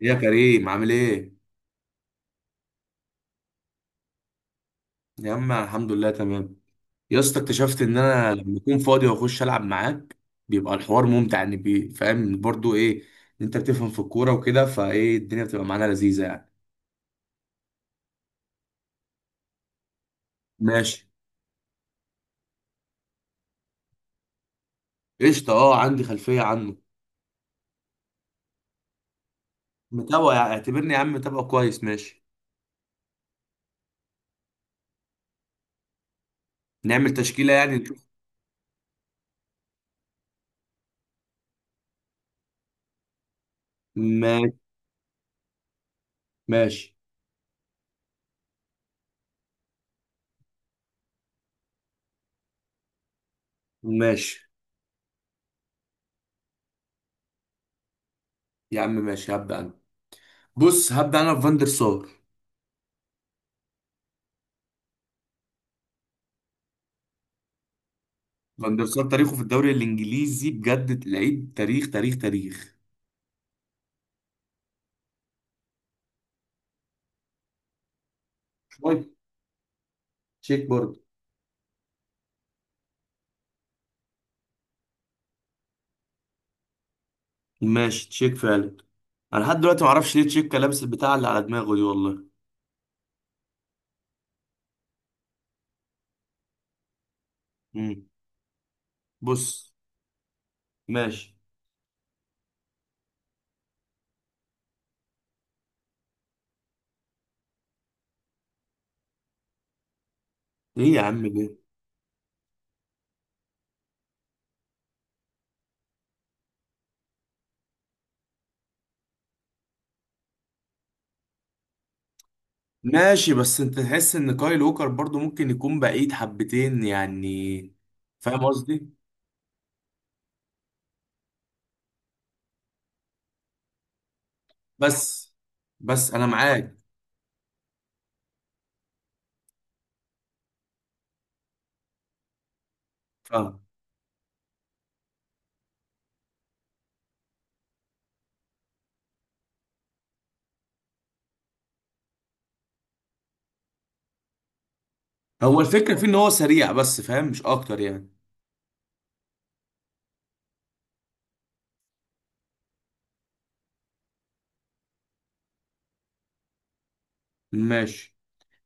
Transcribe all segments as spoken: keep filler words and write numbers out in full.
يا كريم عامل ايه؟ يا عم الحمد لله تمام. يا اسطى اكتشفت ان انا لما اكون فاضي واخش العب معاك بيبقى الحوار ممتع، يعني بي- فاهم برضو ايه ان انت بتفهم في الكوره وكده، فايه الدنيا بتبقى معانا لذيذه يعني. ماشي. قشطه، اه عندي خلفيه عنه. متابعه يعني، اعتبرني يا عم متابعه كويس. ماشي. نعمل تشكيله يعني نشوف. ماشي. ماشي. ماشي. يا عم ماشي هبدا انا. بص هبدا انا بفاندر سار. فاندر سار تاريخه في الدوري الانجليزي بجد لعيب، تاريخ تاريخ تاريخ. تشيك برضه. ماشي تشيك فعلا. انا لحد دلوقتي ما اعرفش ليه تشيك لابس البتاع اللي على دماغه دي والله. امم بص. ماشي. ايه يا عم ده. ماشي بس انت تحس ان كايل ووكر برضو ممكن يكون بعيد حبتين يعني. فاهم قصدي. بس بس انا معاك. فاهم. هو الفكره في ان هو سريع بس، فاهم مش اكتر يعني. ماشي.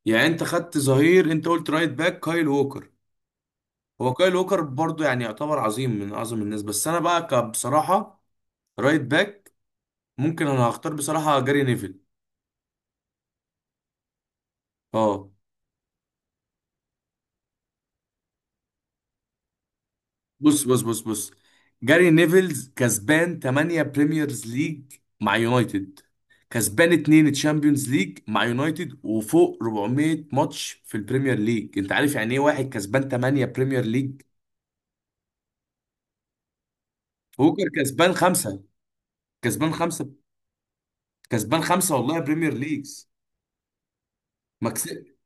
يعني انت خدت ظهير، انت قلت رايت باك كايل ووكر. هو كايل ووكر برضو يعني يعتبر عظيم من اعظم الناس، بس انا بقى ك- بصراحه رايت باك ممكن انا هختار بصراحة جاري نيفل. اه. بص، بص، بص، بص. جاري نيفلز كسبان تمن بريميرز ليج مع يونايتد، كسبان اتنين تشامبيونز ليج مع يونايتد، وفوق اربعمائة ماتش في البريمير ليج. انت عارف يعني ايه واحد كسبان ثمانية بريمير ليج؟ ووكر كسبان خمسة. كسبان خمسة. كسبان خمسة والله بريمير ليجز. ما كسب.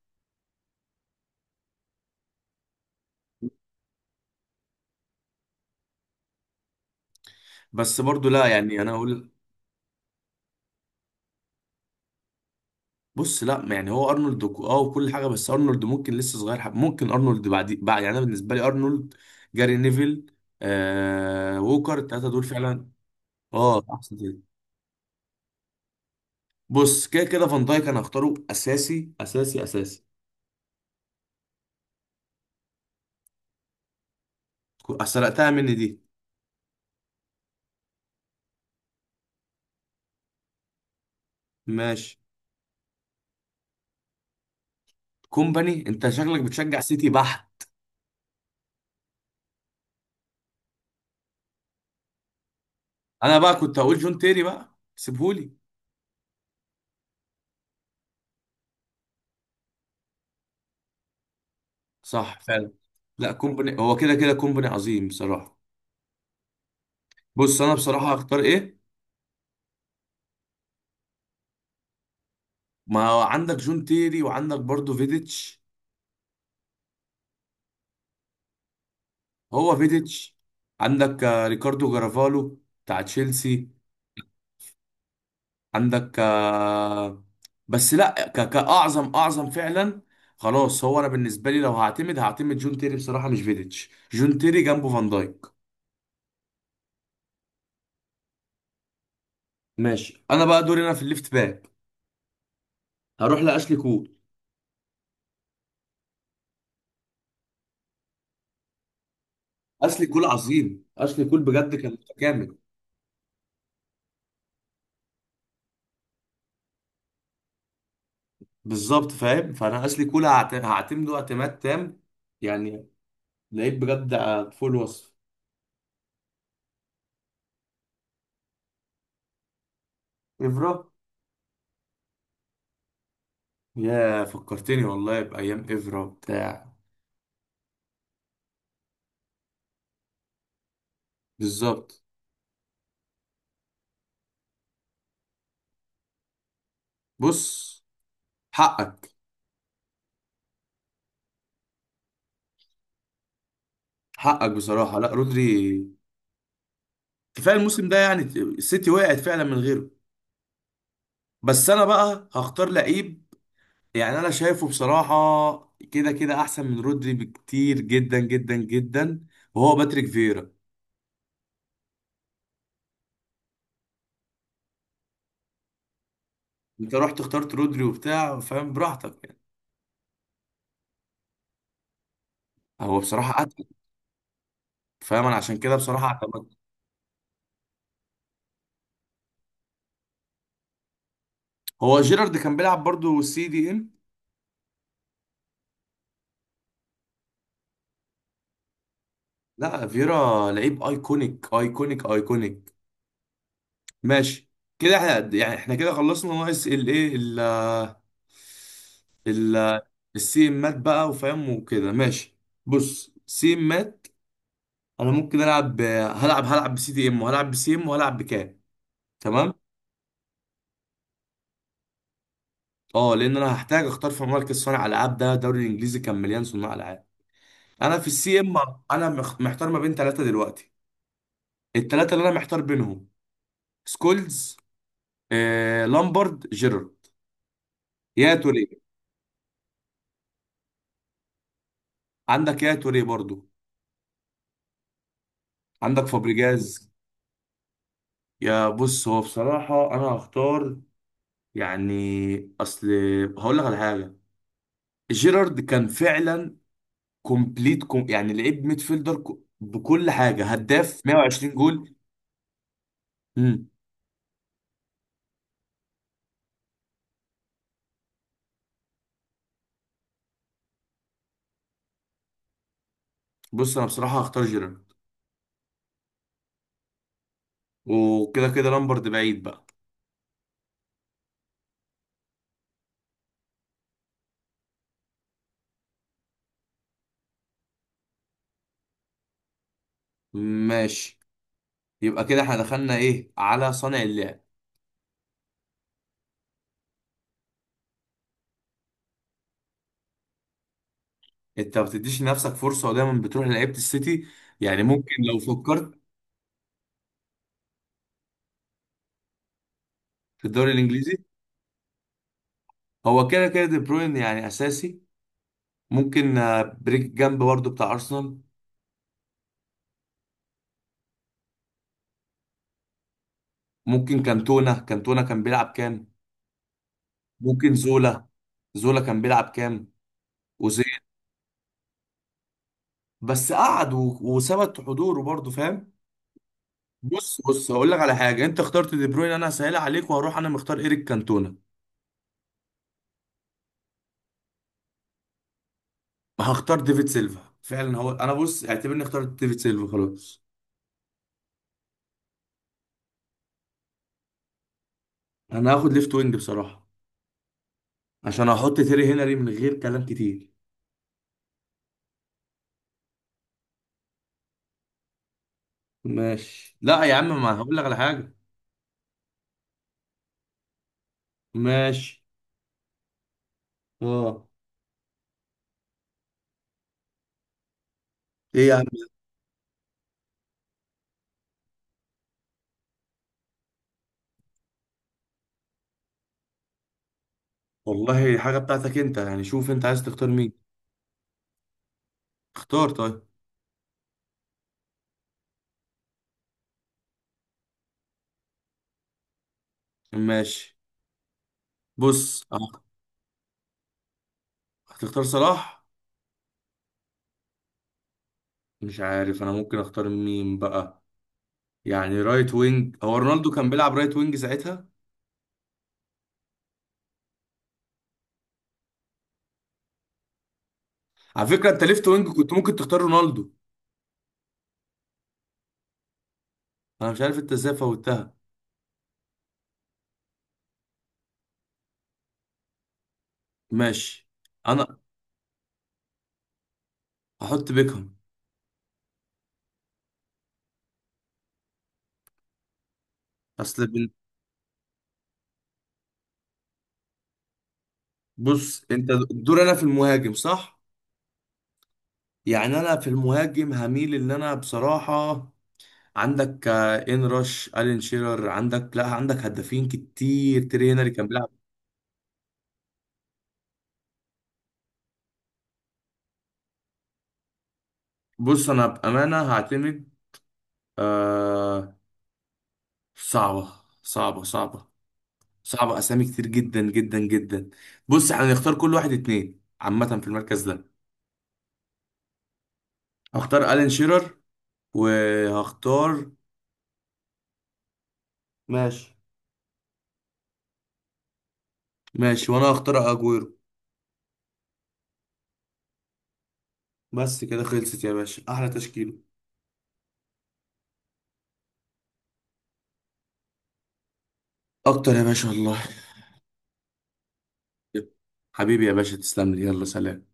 بس برضو لا يعني انا اقول. بص لا يعني هو ارنولد وك- اه وكل حاجه، بس ارنولد ممكن لسه صغير حب. ممكن ارنولد بعد بعد، يعني انا بالنسبه لي ارنولد، جاري نيفل، آه ووكر الثلاثه دول فعلا. اه احسن تلاتة. بص كده كده فان دايك انا هختاره اساسي اساسي اساسي. كو- سرقتها مني دي. ماشي. كومباني؟ انت شكلك بتشجع سيتي بحت. انا بقى كنت هقول جون تيري بقى سيبهولي. صح فعلا. لا كومباني هو كده كده كومباني عظيم بصراحه. بص انا بصراحه هختار ايه. ما هو عندك جون تيري وعندك برضو فيديتش. هو فيديتش. عندك آه، ريكاردو جرافالو بتاع تشيلسي. عندك آه، بس لا ك- كأعظم أعظم فعلا. خلاص هو أنا بالنسبة لي لو هعتمد هعتمد جون تيري بصراحة مش فيديتش، جون تيري جنبه فان دايك. ماشي. أنا بقى دوري أنا في الليفت باك. هروح لأشلي كول. أشلي كول عظيم، أشلي كول بجد كان متكامل. بالظبط فاهم، فأنا أشلي كول هعت- هعتمده اعتماد تام يعني، لعيب بجد آه، فوق الوصف. إفرا. يا فكرتني والله بأيام إفرا بتاع. بالظبط. بص. حقك. حقك بصراحة لا رودري. كفاية الموسم ده يعني السيتي وقعت فعلا من غيره. بس أنا بقى هختار لعيب يعني أنا شايفه بصراحة كده كده أحسن من رودري بكتير جدا جدا جدا، وهو باتريك فيرا. أنت رحت اخترت رودري وبتاع، فاهم، براحتك يعني. هو بصراحة أتقل. فاهم أنا عشان كده بصراحة اعتمدت. هو جيرارد كان بيلعب برضه سي دي إم. لا فيرا لعيب ايكونيك ايكونيك ايكونيك. ماشي. كده احنا قد- يعني احنا كده خلصنا ناقص الايه ال ال السي امات بقى وفاهم وكده. ماشي. بص سي امات. انا ممكن العب ب- هلعب هلعب بسي دي ام، وهلعب بسي ام، وهلعب بكام. تمام. اه لان انا هحتاج اختار في مركز صانع العاب، ده الدوري الانجليزي كان مليان صناع العاب. انا في السي ام انا مخ- محتار ما بين ثلاثه دلوقتي. الثلاثه اللي انا محتار بينهم سكولز، آه، لامبرد، جيرارد، يا توريه. عندك يا توريه برضو. عندك فابريجاز. يا بص هو بصراحة أنا هختار، يعني، أصل هقول لك على حاجة. جيرارد كان فعلا كومبليت كوم يعني لعيب ميدفيلدر ك- بكل حاجة، هداف مئة وعشرين جول. مم. بص أنا بصراحة هختار جيرارد، وكده كده لامبرد بعيد بقى. ماشي. يبقى كده احنا دخلنا ايه على صانع اللعب. انت ما بتديش لنفسك فرصة ودايما بتروح لعيبة السيتي. يعني ممكن لو فكرت في الدوري الانجليزي. هو كده كده دي بروين يعني اساسي. ممكن آه، بريك جنب برضه بتاع ارسنال. ممكن كانتونا، كانتونا كان بيلعب كام. ممكن زولا. زولا كان بيلعب كام وزين. بس قعد و- وثبت حضوره برضه، فاهم. بص بص هقول لك على حاجه، انت اخترت دي بروين انا هسهلها عليك وهروح انا مختار ايريك كانتونا. هختار ديفيد سيلفا فعلا، هو انا بص اعتبرني اخترت ديفيد سيلفا خلاص. انا هاخد ليفت وينج بصراحه عشان احط تيري هنري من غير كلام كتير. ماشي لا يا عم ما هقول لك على حاجه. ماشي. اه. ايه يا عم. والله حاجة بتاعتك انت، يعني شوف انت عايز تختار مين. اختار طيب. ماشي. بص اه، هتختار صلاح؟ مش عارف انا ممكن اختار مين بقى. يعني رايت وينج، هو رونالدو كان بيلعب رايت وينج ساعتها. على فكرة انت ليفت وينج كنت ممكن تختار رونالدو. انا مش عارف انت ازاي فوتها. ماشي. انا هحط بيكهام. اصل بن- بص انت دور انا في المهاجم صح. يعني انا في المهاجم هميل اللي انا بصراحة. عندك آه، ان رش الين شيرر، عندك لا عندك هدافين كتير، تيري هنري كان بيلعب. بص انا بامانه هعتمد، آه صعبه. صعبه صعبه صعبه اسامي كتير جدا جدا جدا. بص احنا هنختار كل واحد اتنين عامه في المركز ده. هختار الين شيرر وهختار. ماشي. ماشي وانا هختار اجويرو. بس كده خلصت يا باشا، احلى تشكيله. اكتر يا باشا والله. حبيبي يا باشا تسلم لي، يلا سلام.